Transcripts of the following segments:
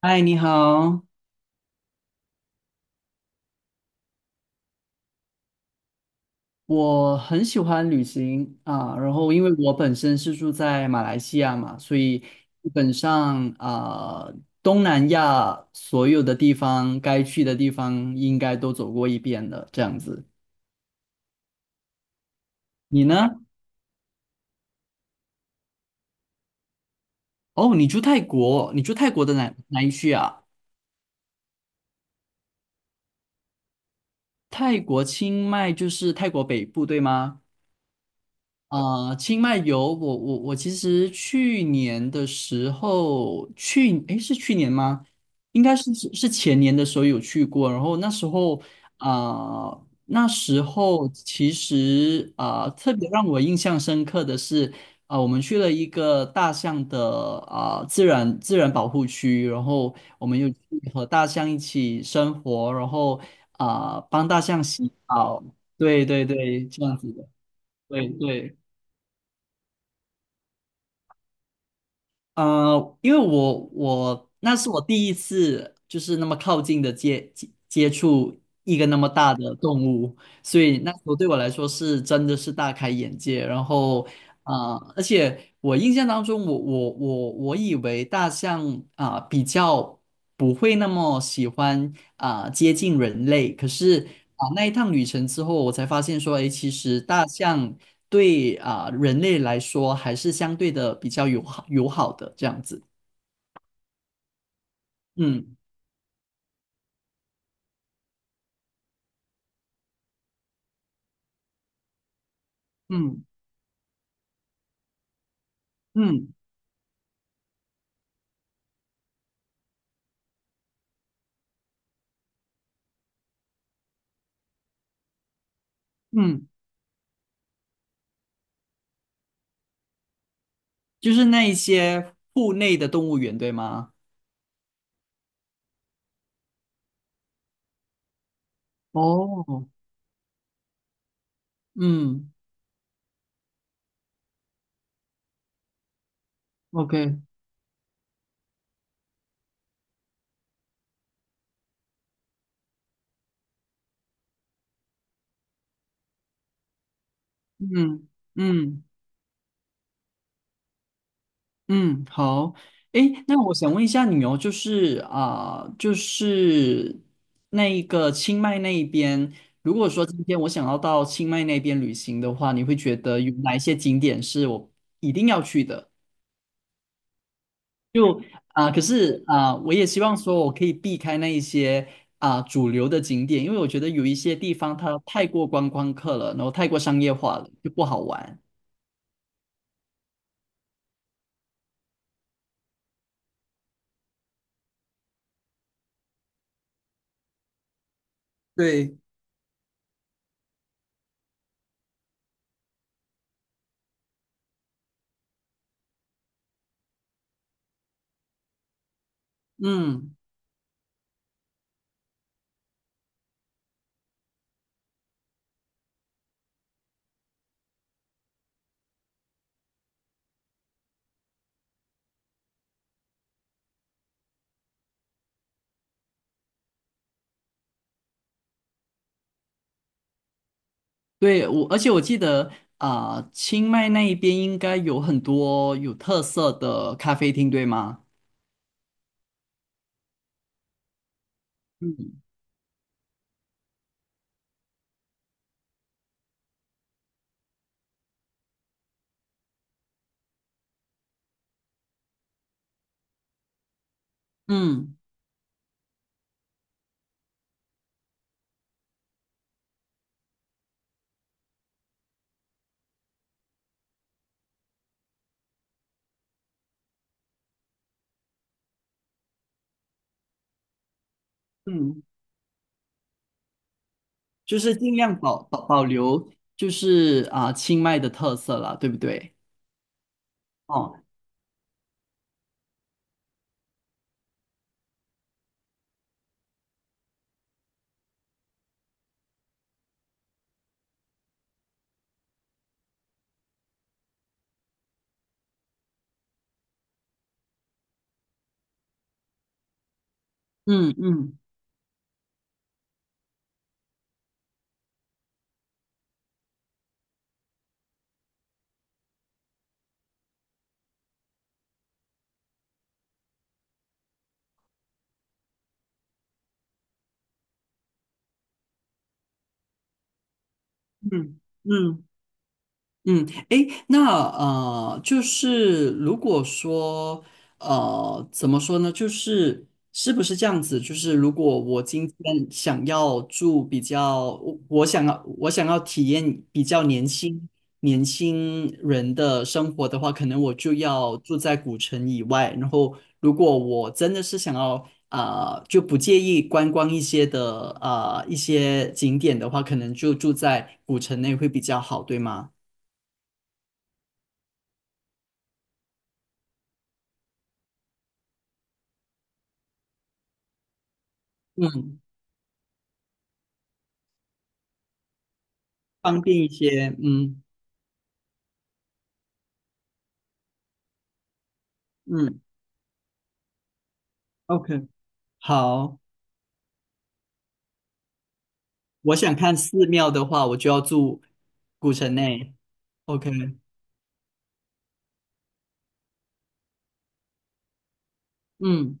嗨，你好，我很喜欢旅行啊，然后因为我本身是住在马来西亚嘛，所以基本上啊，东南亚所有的地方该去的地方应该都走过一遍了，这样子。你呢？哦，你住泰国，你住泰国的哪一区啊？泰国清迈就是泰国北部，对吗？啊、清迈游，我其实去年的时候去，诶，是去年吗？应该是前年的时候有去过，然后那时候啊、那时候其实啊、特别让我印象深刻的是啊、我们去了一个大象的啊、自然保护区，然后我们又去和大象一起生活，然后啊、帮大象洗澡，对对对，这样子的，对对。因为我那是我第一次就是那么靠近的接触一个那么大的动物，所以那时候对我来说是真的是大开眼界。然后啊、而且我印象当中我，我以为大象啊、比较不会那么喜欢啊、接近人类，可是啊、那一趟旅程之后，我才发现说，诶，其实大象。对啊、人类来说还是相对的比较友好的这样子。嗯嗯嗯嗯，就是那一些户内的动物园，对吗？哦，嗯，OK,嗯嗯嗯，好，诶，那我想问一下你哦，就是啊、就是那一个清迈那一边，如果说今天我想要到清迈那边旅行的话，你会觉得有哪一些景点是我一定要去的？就啊、可是啊、我也希望说我可以避开那一些啊、主流的景点，因为我觉得有一些地方它太过观光客了，然后太过商业化了，就不好玩。对，嗯，对，我，而且我记得啊、清迈那一边应该有很多有特色的咖啡厅，对吗？嗯嗯嗯，就是尽量保留，就是啊、清迈的特色啦，对不对？哦，嗯嗯嗯嗯。嗯，诶，那就是如果说怎么说呢？就是是不是这样子？就是如果我今天想要住比较，我想要想要体验比较年轻人的生活的话，可能我就要住在古城以外。然后，如果我真的是想要啊、就不介意观光一些的啊、一些景点的话，可能就住在古城内会比较好，对吗？嗯，方便一些，嗯嗯，OK,好，我想看寺庙的话，我就要住古城内，OK,嗯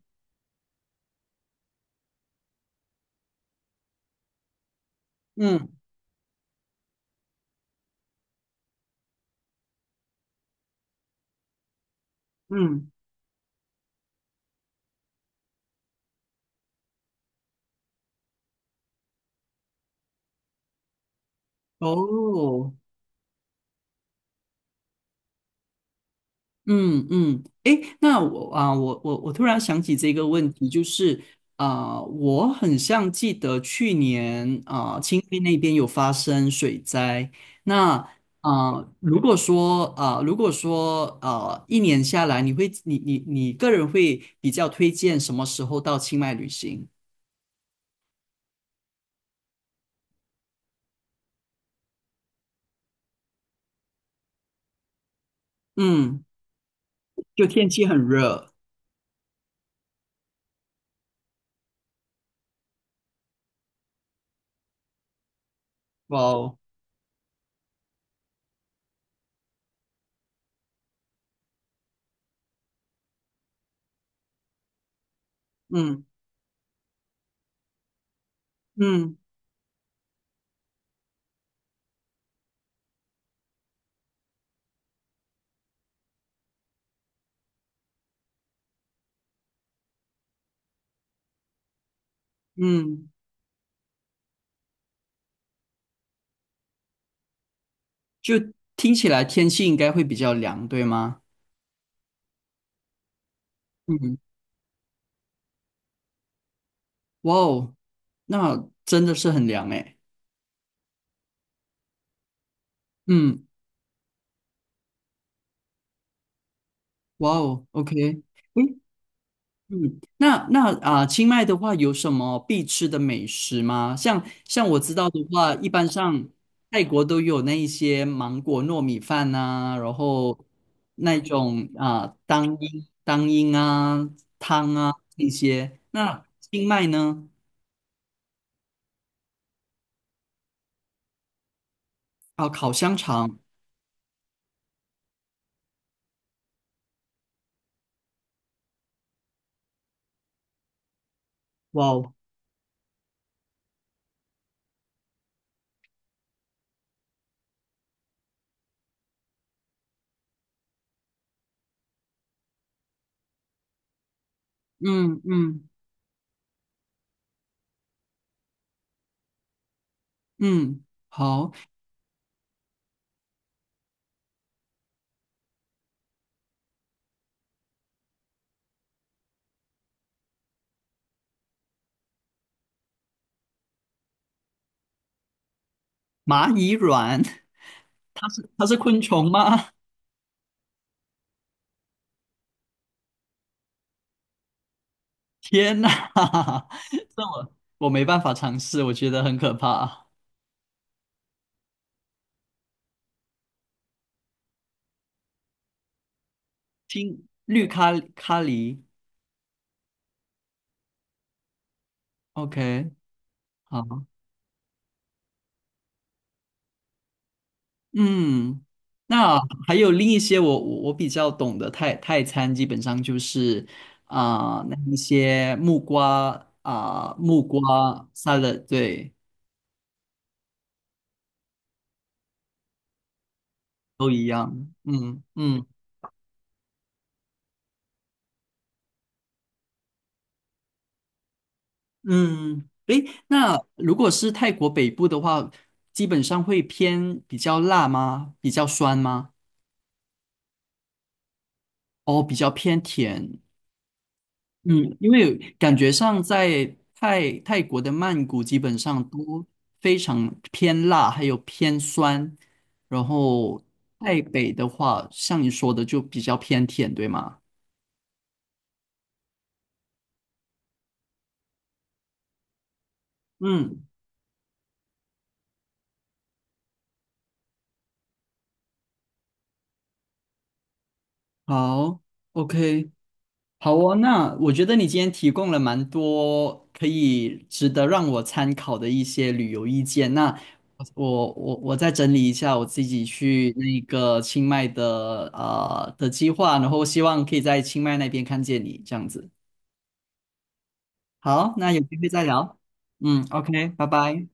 嗯嗯，哦，嗯嗯，诶，那我啊，我突然想起这个问题，就是啊、我很像记得去年啊、清迈那边有发生水灾。那啊、如果说啊、一年下来，你会你个人会比较推荐什么时候到清迈旅行？嗯，就天气很热，哇哦，嗯嗯嗯，就听起来天气应该会比较凉，对吗？嗯。哇哦，那真的是很凉诶。嗯，哇哦，OK,嗯嗯，那那啊，清迈的话有什么必吃的美食吗？像我知道的话，一般上泰国都有那一些芒果糯米饭呐，然后那种啊当阴啊这些。那清迈呢？啊，烤香肠，哇哦，嗯嗯嗯，好，蚂蚁卵。它是昆虫吗？天呐，哈哈，这我没办法尝试，我觉得很可怕。听绿咖咖喱，OK,好，嗯，那还有另一些我比较懂的泰泰餐，基本上就是啊、那一些木瓜 salad,对，都一样，嗯嗯。嗯，诶，那如果是泰国北部的话，基本上会偏比较辣吗？比较酸吗？哦，比较偏甜，嗯，因为感觉上在泰泰国的曼谷基本上都非常偏辣，还有偏酸，然后泰北的话，像你说的就比较偏甜，对吗？嗯，好，OK。好哦，那我觉得你今天提供了蛮多可以值得让我参考的一些旅游意见。那我再整理一下我自己去那个清迈的的计划，然后希望可以在清迈那边看见你这样子。好，那有机会再聊。嗯，OK,拜拜。